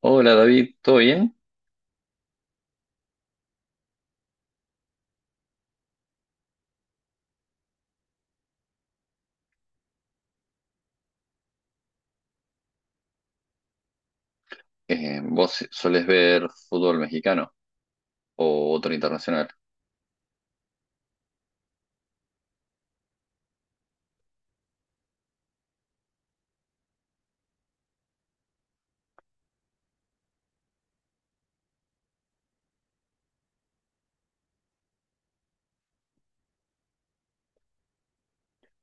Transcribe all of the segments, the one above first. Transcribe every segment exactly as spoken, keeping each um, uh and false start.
Hola David, ¿todo bien? Eh, ¿vos solés ver fútbol mexicano o otro internacional?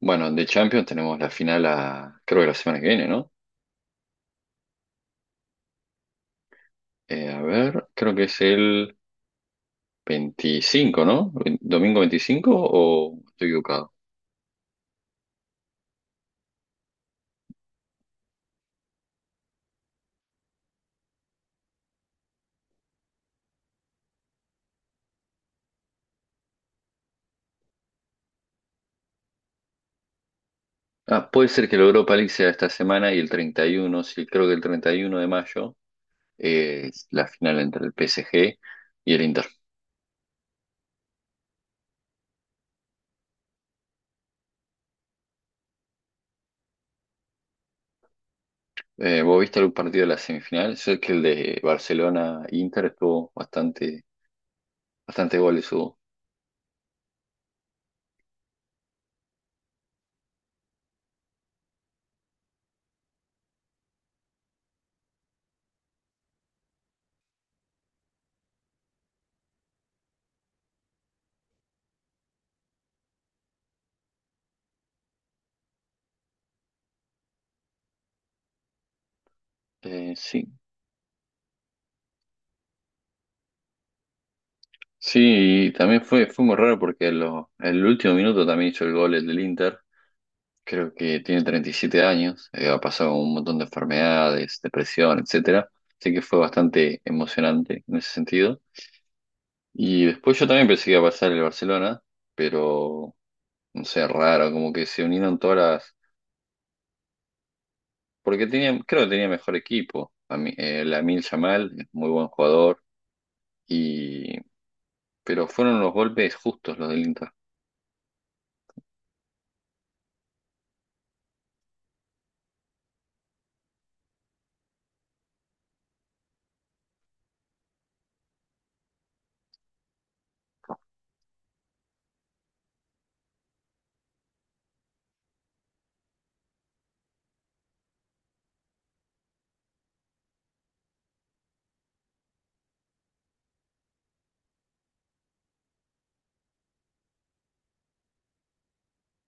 Bueno, de Champions tenemos la final a, creo que la semana que viene, ¿no? Eh, a ver, creo que es el veinticinco, ¿no? ¿Domingo veinticinco o estoy equivocado? Ah, puede ser que la Europa League sea esta semana y el treinta y uno. Sí, creo que el treinta y uno de mayo eh, es la final entre el P S G y el Inter. Eh, ¿vos viste algún partido de la semifinal? Sé que el de Barcelona-Inter estuvo bastante. Bastante goles hubo. Eh, sí. Sí, y también fue, fue muy raro porque lo, el último minuto también hizo el gol el del Inter. Creo que tiene treinta y siete años, eh, ha pasado un montón de enfermedades, depresión, etcétera. Así que fue bastante emocionante en ese sentido. Y después yo también pensé que iba a pasar el Barcelona, pero no sé, raro, como que se unieron todas las. Porque tenía, creo que tenía mejor equipo. A mí, eh, Lamine Yamal, es muy buen jugador. Y, pero fueron los golpes justos los del Inter.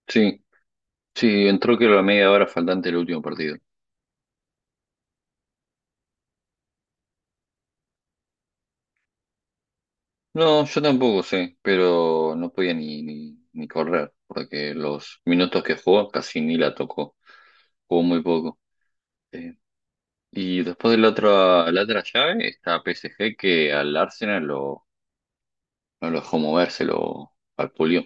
Sí, sí, entró que la media hora faltante del último partido. No, yo tampoco sé, pero no podía ni, ni, ni correr, porque los minutos que jugó casi ni la tocó, jugó muy poco. Eh, y después de la otra, la otra llave está P S G que al Arsenal lo, no lo dejó moverse, lo vapuleó.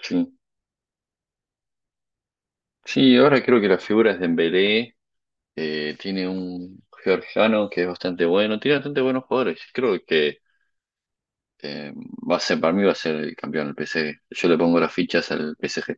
Sí. Sí, ahora creo que la figura es Dembélé, eh, tiene un georgiano que es bastante bueno, tiene bastante buenos jugadores. Creo que Eh, va a ser, para mí va a ser el campeón el P S G. Yo le pongo las fichas al P S G.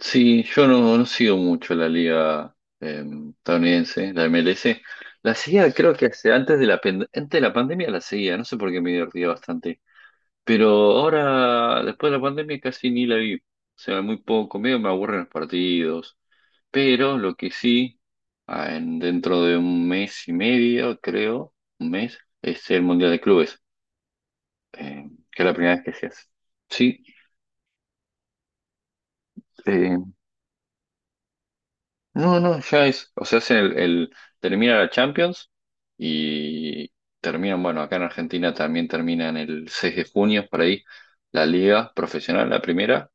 Sí, yo no, no sigo mucho la liga eh, estadounidense, la M L S. La seguía, creo que hace- antes de la, pen- antes de la pandemia la seguía, no sé por qué me divertía bastante. Pero ahora, después de la pandemia, casi ni la vi. O sea, muy poco, medio me aburren los partidos. Pero lo que sí, ah, en- dentro de un mes y medio, creo, un mes, es el Mundial de Clubes. Eh, que es la primera vez que se hace. Sí, eh, no, no, ya es, o sea, hacen el, el- termina la Champions y terminan, bueno, acá en Argentina también terminan el seis de junio, por ahí, la liga profesional, la primera,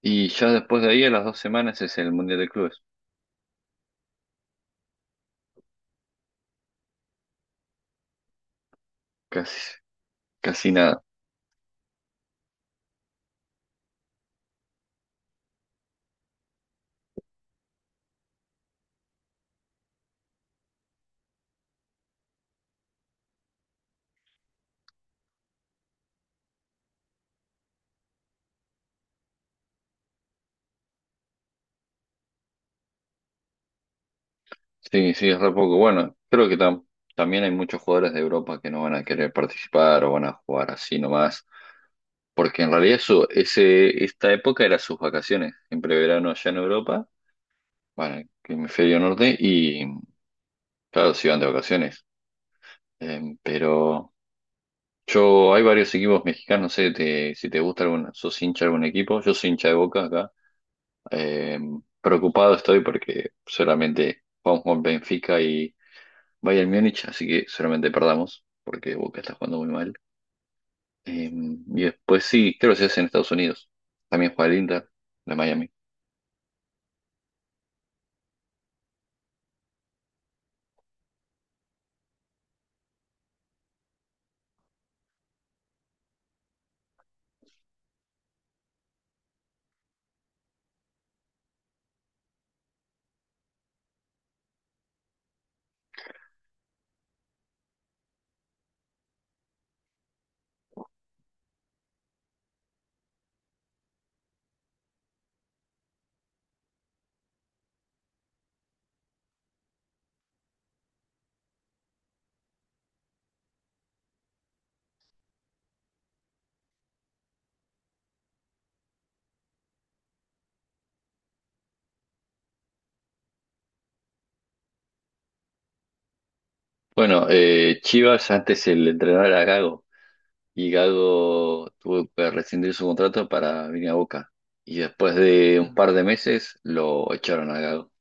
y ya después de ahí, a las dos semanas, es el Mundial de Clubes, casi, casi nada. Sí, sí, es re poco. Bueno, creo que tam- también hay muchos jugadores de Europa que no van a querer participar o van a jugar así nomás. Porque en realidad eso, ese, esta época era sus vacaciones, siempre verano allá en Europa, bueno, en el hemisferio norte, y claro, se iban de vacaciones. Eh, pero yo, hay varios equipos mexicanos, no sé te- si te gusta algún, sos hincha de algún equipo, yo soy hincha de Boca acá. Eh, preocupado estoy porque solamente jugamos con Benfica y Bayern Múnich, así que solamente perdamos, porque Boca está jugando muy mal. Eh, y después sí, creo que se hace en Estados Unidos, también juega el Inter, de Miami. Bueno, eh, Chivas antes el entrenador era Gago y Gago tuvo que rescindir su contrato para venir a Boca. Y después de un par de meses lo echaron a Gago.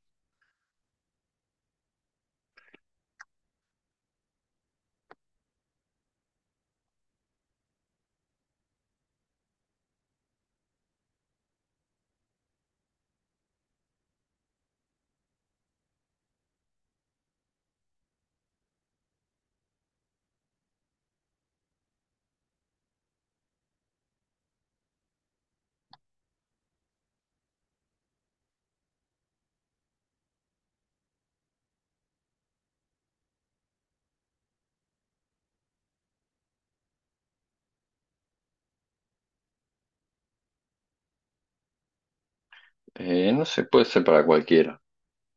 Eh, no se puede ser para cualquiera.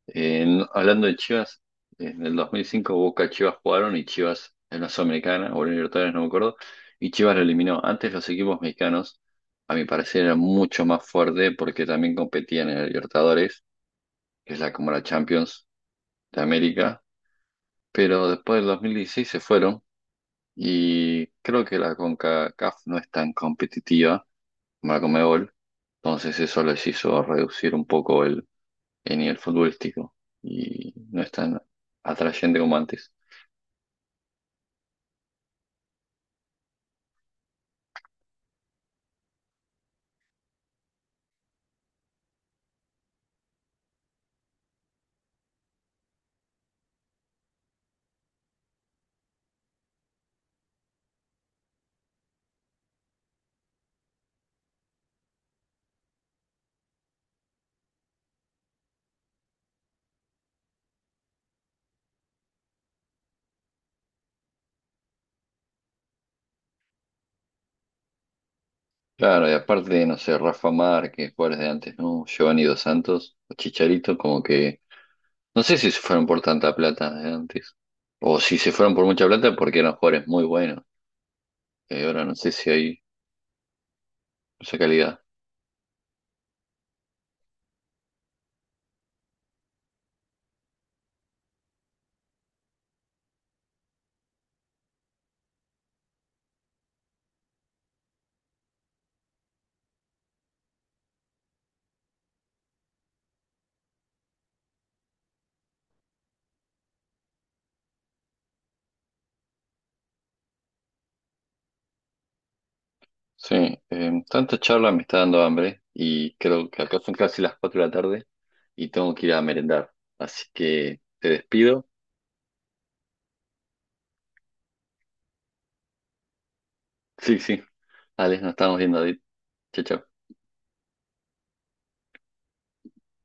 Eh, no- hablando de Chivas, en el dos mil cinco Boca y Chivas jugaron y Chivas en la Sudamericana o en Libertadores, no me acuerdo, y Chivas lo eliminó. Antes los equipos mexicanos, a mi parecer, eran mucho más fuertes porque también competían en el Libertadores, que es la como la Champions de América, pero después del dos mil dieciséis se fueron y creo que la CONCACAF no es tan competitiva, la Conmebol, entonces eso les hizo reducir un poco el, el nivel futbolístico y no es tan atrayente como antes. Claro, y aparte, no sé, Rafa Márquez, jugadores de antes, ¿no? Giovanni Dos Santos, o Chicharito, como que no sé si se fueron por tanta plata de antes o si se fueron por mucha plata porque eran jugadores muy buenos. Eh, ahora no sé si hay esa calidad. Sí, em, tanta charla me está dando hambre y creo que acá son casi las cuatro de la tarde y tengo que ir a merendar. Así que te despido. Sí, sí. Alex, nos estamos viendo. Adit. Chao, chao.